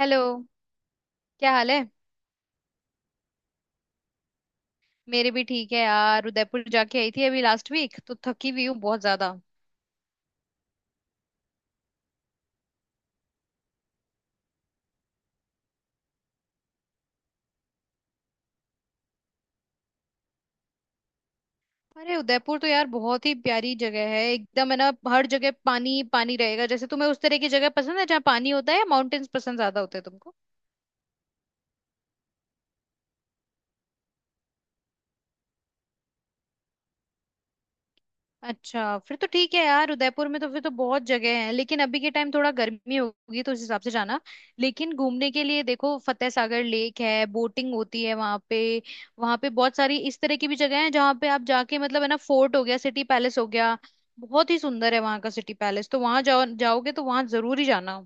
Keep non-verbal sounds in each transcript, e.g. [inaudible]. Hello. क्या हाल है? मेरे भी ठीक है यार। उदयपुर जाके आई थी अभी लास्ट वीक, तो थकी हुई हूँ बहुत ज्यादा। अरे उदयपुर तो यार बहुत ही प्यारी जगह है एकदम, है ना। हर जगह पानी ही पानी रहेगा। जैसे तुम्हें उस तरह की जगह पसंद है जहाँ पानी होता है, या माउंटेन्स पसंद ज्यादा होते हैं तुमको? अच्छा, फिर तो ठीक है यार। उदयपुर में तो फिर तो बहुत जगह है, लेकिन अभी के टाइम थोड़ा गर्मी होगी तो उस हिसाब से जाना। लेकिन घूमने के लिए देखो, फतेह सागर लेक है, बोटिंग होती है वहां पे। वहां पे बहुत सारी इस तरह की भी जगह है जहाँ पे आप जाके मतलब है ना, फोर्ट हो गया, सिटी पैलेस हो गया। बहुत ही सुंदर है वहां का सिटी पैलेस, तो वहां जाओ, जाओगे तो वहां जरूर ही जाना।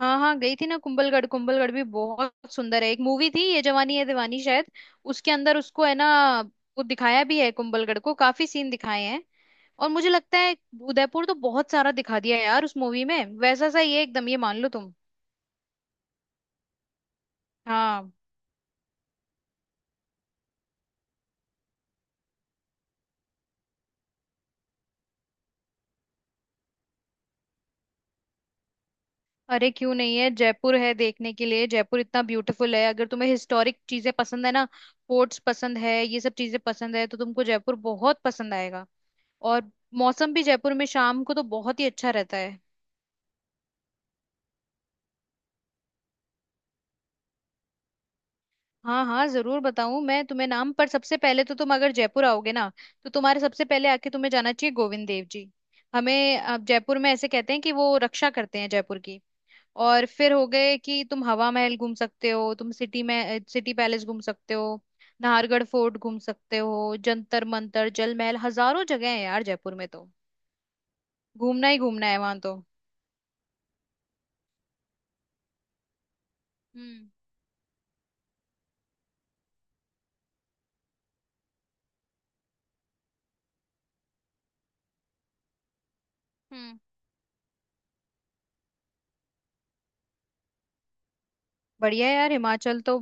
हाँ हाँ, गई थी ना कुंभलगढ़। कुंभलगढ़ भी बहुत सुंदर है। एक मूवी थी, ये जवानी है दीवानी शायद, उसके अंदर उसको है ना, वो दिखाया भी है कुंभलगढ़ को, काफी सीन दिखाए हैं। और मुझे लगता है उदयपुर तो बहुत सारा दिखा दिया है यार उस मूवी में, वैसा सा ये एकदम ये मान लो तुम। हाँ। अरे क्यों नहीं है, जयपुर है देखने के लिए। जयपुर इतना ब्यूटीफुल है, अगर तुम्हें हिस्टोरिक चीजें पसंद है ना, फोर्ट्स पसंद है, ये सब चीजें पसंद है, तो तुमको जयपुर बहुत पसंद आएगा। और मौसम भी जयपुर में शाम को तो बहुत ही अच्छा रहता है। हाँ हाँ, जरूर बताऊं मैं तुम्हें नाम। पर सबसे पहले तो तुम अगर जयपुर आओगे ना, तो तुम्हारे सबसे पहले आके तुम्हें जाना चाहिए गोविंद देव जी। हमें जयपुर में ऐसे कहते हैं कि वो रक्षा करते हैं जयपुर की। और फिर हो गए कि तुम हवा महल घूम सकते हो, तुम सिटी में सिटी पैलेस घूम सकते हो, नाहरगढ़ फोर्ट घूम सकते हो, जंतर मंतर, जल महल, हजारों जगह है यार जयपुर में तो। घूमना ही घूमना है वहां तो। हम्म हम्म। बढ़िया है यार हिमाचल तो।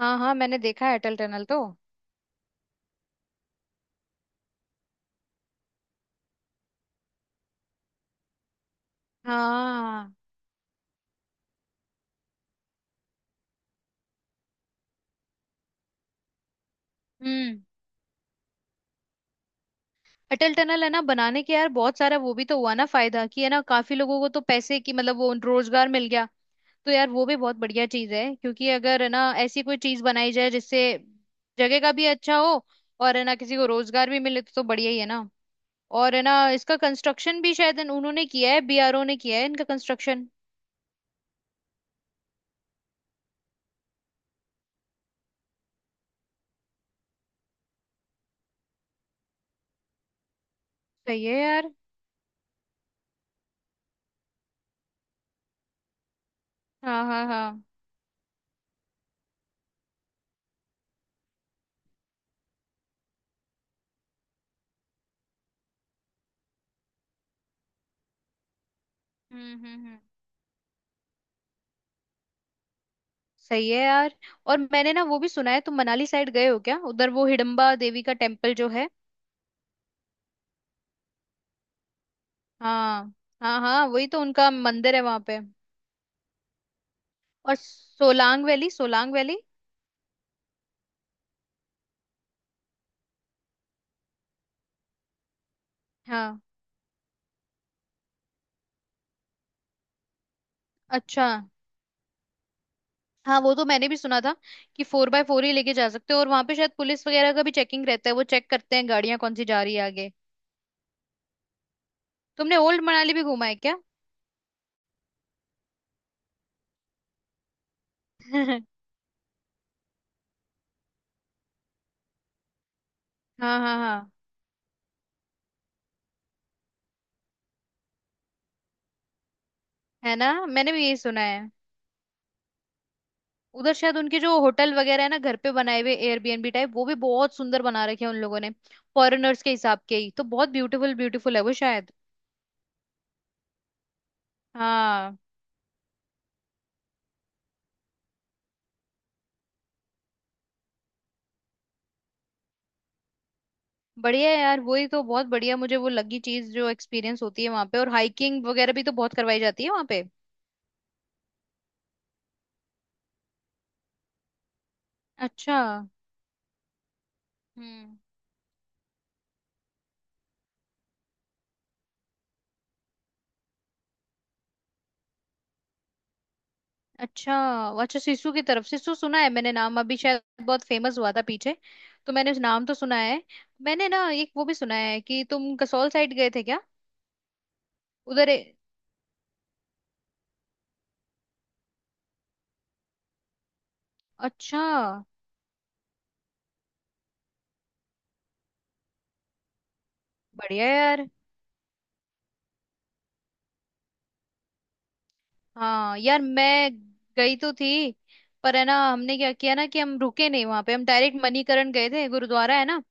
हाँ हाँ, मैंने देखा है अटल टनल तो। हाँ। हम्म। अटल टनल है ना बनाने के यार, बहुत सारा वो भी तो हुआ ना फायदा, कि है ना काफी लोगों को तो पैसे की मतलब वो रोजगार मिल गया। तो यार वो भी बहुत बढ़िया चीज है, क्योंकि अगर है ना ऐसी कोई चीज बनाई जाए जिससे जगह का भी अच्छा हो, और है ना किसी को रोजगार भी मिले, तो बढ़िया ही है ना। और है ना, इसका कंस्ट्रक्शन भी शायद उन्होंने किया है, बीआरओ ने किया है इनका कंस्ट्रक्शन। सही है यार। हाँ हाँ हाँ। हम्म। सही है यार। और मैंने ना वो भी सुना है, तुम मनाली साइड गए हो क्या उधर, वो हिडम्बा देवी का टेम्पल जो है। हाँ। हाँ हाँ, वही तो उनका मंदिर है वहां पे। और सोलांग वैली, सोलांग वैली। हाँ। अच्छा। हाँ, वो तो मैंने भी सुना था कि 4x4 ही लेके जा सकते हो, और वहां पे शायद पुलिस वगैरह का भी चेकिंग रहता है, वो चेक करते हैं गाड़ियां कौन सी जा रही है आगे। तुमने ओल्ड मनाली भी घूमा है क्या? [laughs] हाँ। हाँ हाँ। है ना, मैंने भी यही सुना है। उधर शायद उनके जो होटल वगैरह है ना, घर पे बनाए हुए एयरबीएनबी टाइप, वो भी बहुत सुंदर बना रखे हैं उन लोगों ने। फॉरेनर्स के हिसाब के ही तो, बहुत ब्यूटीफुल ब्यूटीफुल है वो शायद। हाँ। बढ़िया है यार, वही तो बहुत बढ़िया मुझे वो लगी चीज जो एक्सपीरियंस होती है वहां पे, और हाइकिंग वगैरह भी तो बहुत करवाई जाती है वहां पे। अच्छा। हम्म। अच्छा। अच्छा सिसु की तरफ, सिसु सुना है मैंने नाम, अभी शायद बहुत फेमस हुआ था पीछे, तो मैंने उस नाम तो सुना है। मैंने ना एक वो भी सुना है कि तुम कसौल साइड गए थे क्या उधर अच्छा। बढ़िया यार। हाँ यार मैं गई तो थी, पर है ना हमने क्या किया ना कि हम रुके नहीं वहां पे, हम डायरेक्ट मणिकरण गए थे, गुरुद्वारा है ना,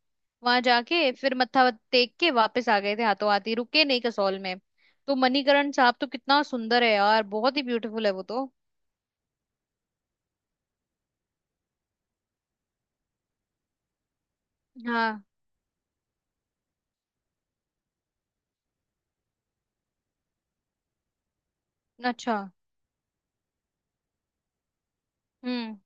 वहां जाके फिर मत्था टेक के वापस आ गए थे, हाथों हाथ ही, रुके नहीं कसौल में। तो मणिकरण साहब तो कितना सुंदर है यार, बहुत ही ब्यूटीफुल है वो तो। हाँ। अच्छा। हम्म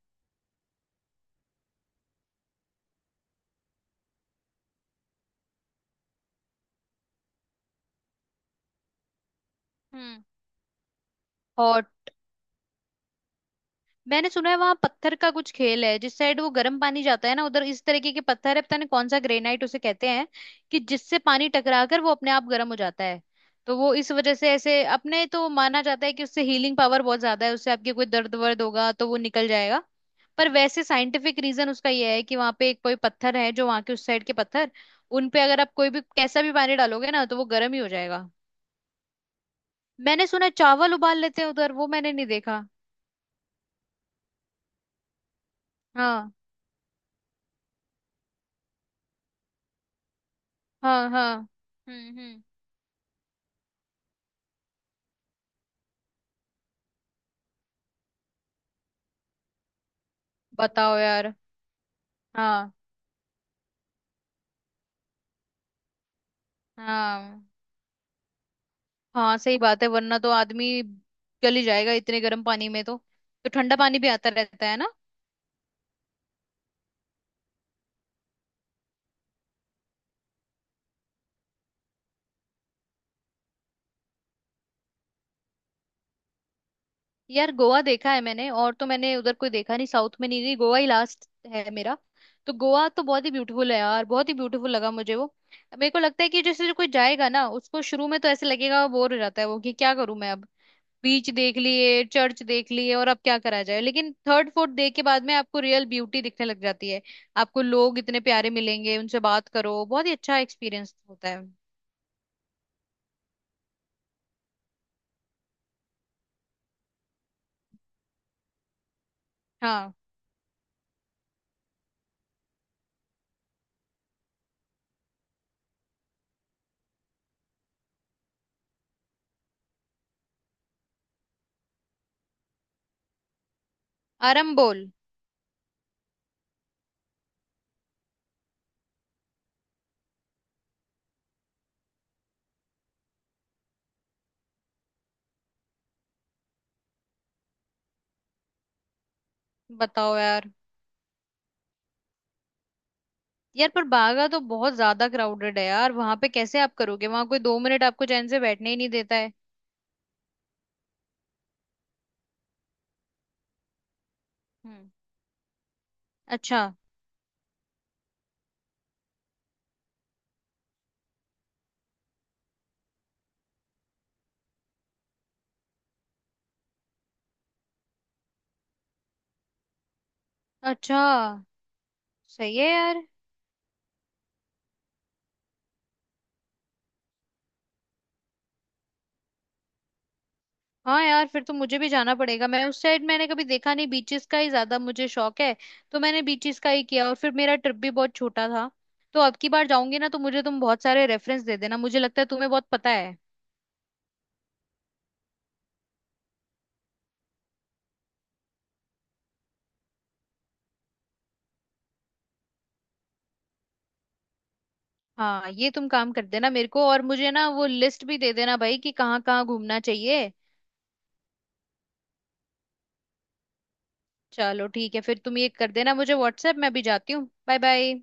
हम्म। और मैंने सुना है वहां पत्थर का कुछ खेल है, जिस साइड वो गर्म पानी जाता है ना उधर, इस तरीके के पत्थर है, पता नहीं कौन सा, ग्रेनाइट उसे कहते हैं, कि जिससे पानी टकरा कर वो अपने आप गर्म हो जाता है। तो वो इस वजह से ऐसे अपने तो माना जाता है कि उससे हीलिंग पावर बहुत ज्यादा है, उससे आपके कोई दर्द वर्द होगा तो वो निकल जाएगा। पर वैसे साइंटिफिक रीजन उसका ये है कि वहां पे एक कोई पत्थर है, जो वहां के उस साइड के पत्थर, उन पे अगर आप कोई भी कैसा भी पानी डालोगे ना तो वो गर्म ही हो जाएगा। मैंने सुना है चावल उबाल लेते हैं उधर, वो मैंने नहीं देखा। हाँ हाँ। हाँ। हम्म। बताओ यार। हाँ हाँ हाँ, सही बात है, वरना तो आदमी गल ही जाएगा इतने गर्म पानी में तो। तो ठंडा पानी भी आता रहता है ना। यार गोवा देखा है मैंने, और तो मैंने उधर कोई देखा नहीं, साउथ में नहीं गई, गोवा ही लास्ट है मेरा। तो गोवा तो बहुत ही ब्यूटीफुल है यार, बहुत ही ब्यूटीफुल लगा मुझे वो। मेरे को लगता है कि जैसे जो कोई जाएगा ना उसको शुरू में तो ऐसे लगेगा बोर हो जाता है वो कि क्या करूं मैं अब, बीच देख लिए, चर्च देख लिए, और अब क्या करा जाए। लेकिन थर्ड फोर्थ डे के बाद में आपको रियल ब्यूटी दिखने लग जाती है, आपको लोग इतने प्यारे मिलेंगे, उनसे बात करो, बहुत ही अच्छा एक्सपीरियंस होता है। हाँ। आरंबोल। बताओ यार। यार पर बागा तो बहुत ज्यादा क्राउडेड है यार, वहां पे कैसे आप करोगे, वहां कोई दो मिनट आपको चैन से बैठने ही नहीं देता है। हम्म। अच्छा। अच्छा। सही है यार। हाँ यार फिर तो मुझे भी जाना पड़ेगा, मैं उस साइड मैंने कभी देखा नहीं, बीचेस का ही ज्यादा मुझे शौक है, तो मैंने बीचेस का ही किया, और फिर मेरा ट्रिप भी बहुत छोटा था। तो अब की बार जाऊंगी ना तो मुझे तुम बहुत सारे रेफरेंस दे देना, मुझे लगता है तुम्हें बहुत पता है। हाँ, ये तुम काम कर देना मेरे को, और मुझे ना वो लिस्ट भी दे देना भाई कि कहाँ कहाँ घूमना चाहिए। चलो ठीक है, फिर तुम ये कर देना मुझे व्हाट्सएप, मैं भी जाती हूँ, बाय बाय।